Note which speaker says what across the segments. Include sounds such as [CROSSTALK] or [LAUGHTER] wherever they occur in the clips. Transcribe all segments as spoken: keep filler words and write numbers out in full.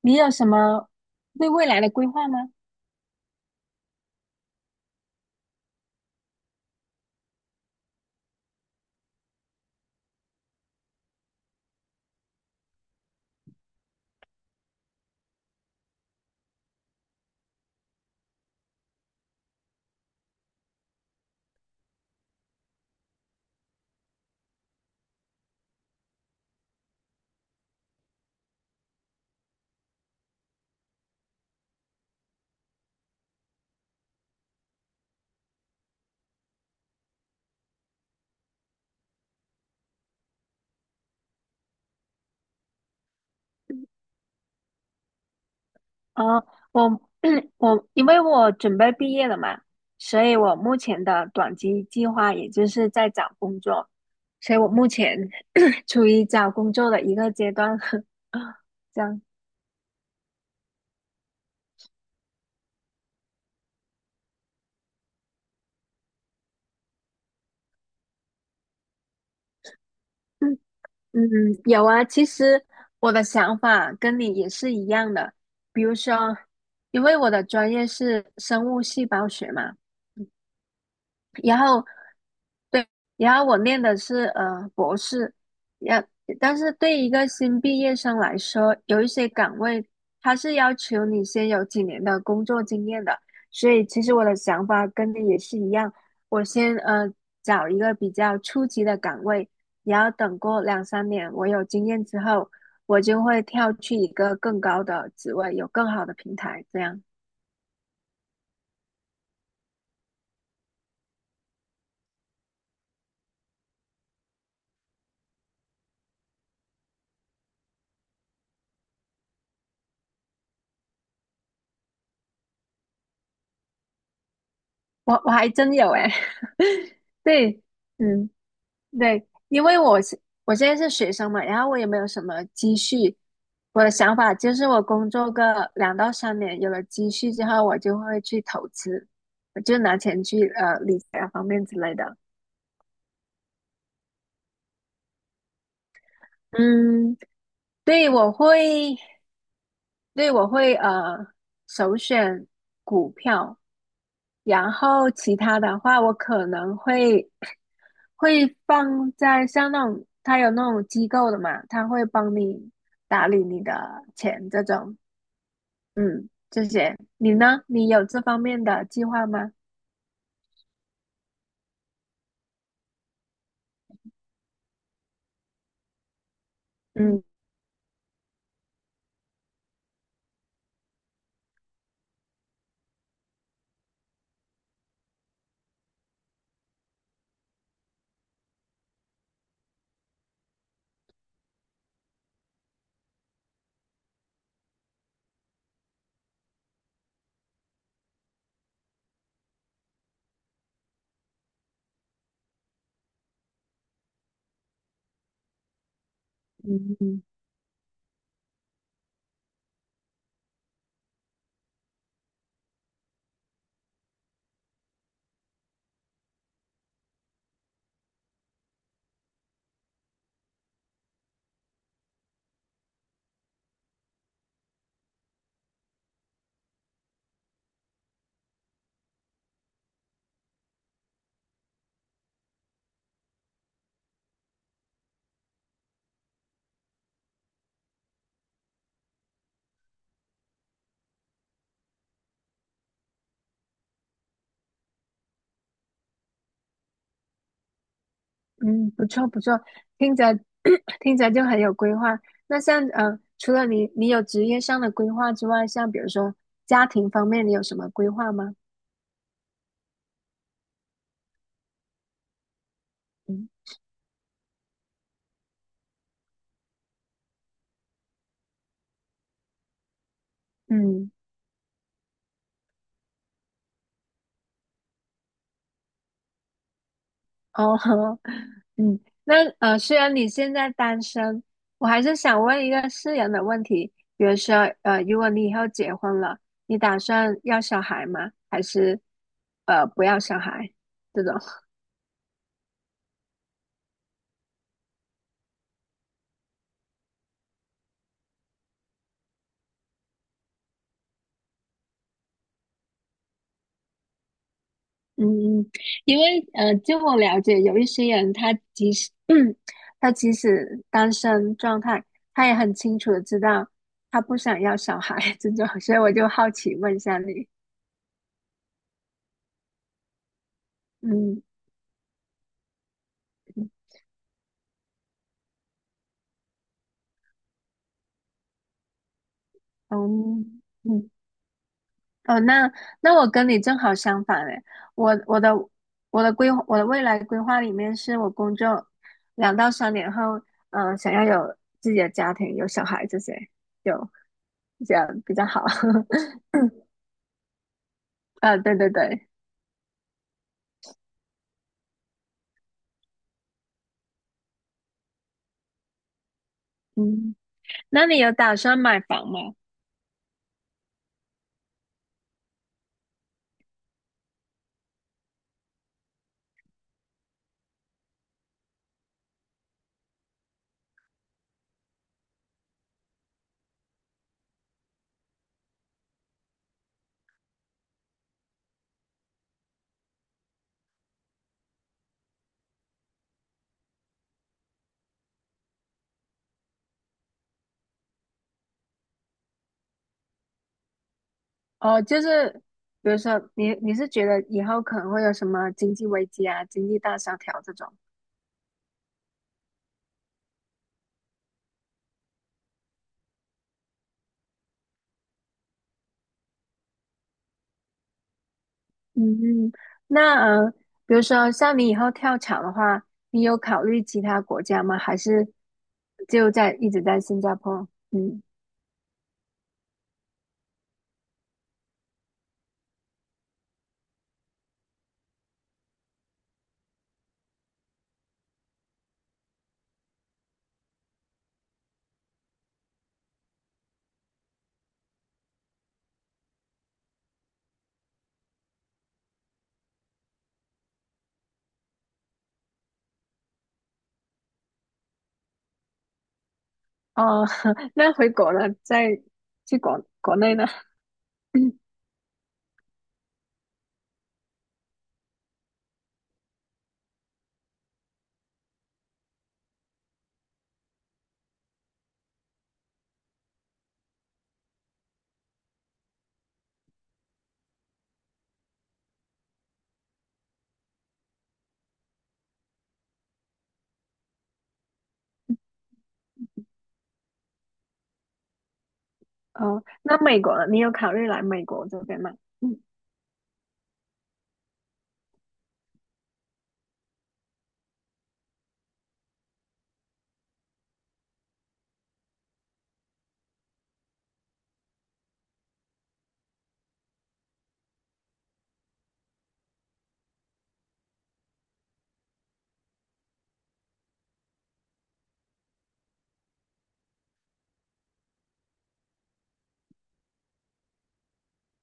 Speaker 1: 你有什么对未来的规划吗？啊，我 [CLEARS THROAT] 我因为我准备毕业了嘛，所以我目前的短期计划也就是在找工作，所以我目前 [COUGHS] [CLEARS THROAT] 处于找工作的一个阶段。[LAUGHS] 这样，嗯嗯，有啊。其实我的想法跟你也是一样的，比如说，因为我的专业是生物细胞学嘛，然后。对，然后我念的是呃博士，然但是对一个新毕业生来说，有一些岗位它是要求你先有几年的工作经验的，所以其实我的想法跟你也是一样，我先呃找一个比较初级的岗位，然后等过两三年我有经验之后，我就会跳去一个更高的职位，有更好的平台，这样我我还真有哎，[LAUGHS] 对，嗯。对，因为我是我现在是学生嘛，然后我也没有什么积蓄。我的想法就是，我工作个两到三年，有了积蓄之后，我就会去投资，我就拿钱去呃理财方面之类的。嗯，对，我会，对，我会呃首选股票，然后其他的话，我可能会会放在像那种他有那种机构的嘛，他会帮你打理你的钱这种，嗯，这些。你呢？你有这方面的计划吗？嗯嗯嗯，嗯，不错不错，听着 [COUGHS] [CLEARS THROAT] 听着就很有规划。那像呃，除了你你有职业上的规划之外，像比如说家庭方面，你有什么规划吗？嗯嗯。哦，[LAUGHS] 嗯，那呃，虽然你现在单身，我还是想问一个私人的问题，比如说，呃，如果你以后结婚了，你打算要小孩吗？还是呃不要小孩这种？嗯，因为呃，据我了解，有一些人他即使 [CLEARS THROAT] 他即使单身状态，他也很清楚的知道他不想要小孩这种，所以我就好奇问一下你，嗯嗯嗯。哦，那那我跟你正好相反诶，我我的我的规划我的未来规划里面是我工作两到三年后，嗯、呃想要有自己的家庭，有小孩这些，有这样比较好。[LAUGHS] 啊，对对对，嗯，那你有打算买房吗？哦，就是比如说你你是觉得以后可能会有什么经济危机啊、经济大萧条这种？嗯，嗯，那呃，比如说像你以后跳槽的话，你有考虑其他国家吗？还是就在一直在新加坡？嗯，哦，[LAUGHS] 那回国了，再去国国内呢？[LAUGHS] [CLEARS THROAT] 哦，那美国了，你有考虑来美国这边吗？嗯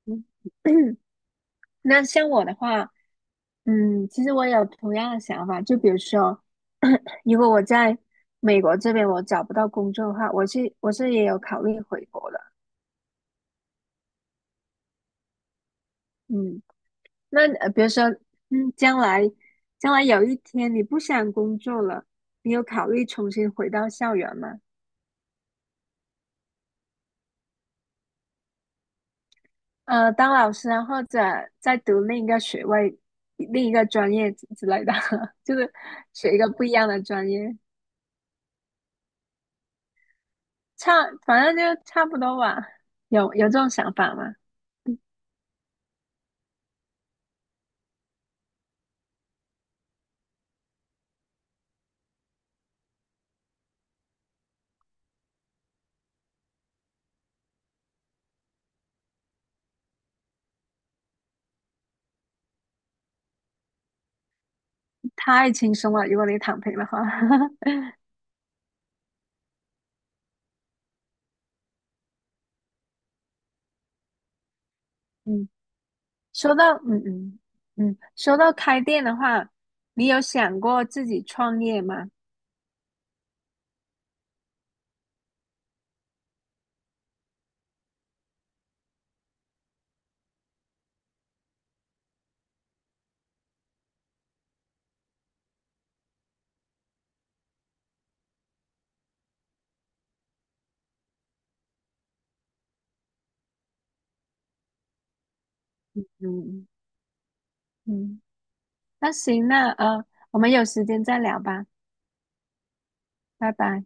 Speaker 1: 嗯，那像我的话，嗯，其实我有同样的想法，就比如说，[COUGHS] [CLEARS THROAT] 如果我在美国这边我找不到工作的话，我是我是也有考虑回国的，嗯。那呃，比如说，嗯，将来将来有一天你不想工作了，你有考虑重新回到校园吗？呃，当老师啊，或者再读另一个学位、另一个专业之之类的，[LAUGHS] 就是学一个不一样的专业，差，反正就差不多吧。有有这种想法吗？太轻松了，如果你躺平的话。[LAUGHS] 嗯，说到嗯嗯嗯，说到开店的话，你有想过自己创业吗？嗯嗯。那行，那呃，我们有时间再聊吧，拜拜。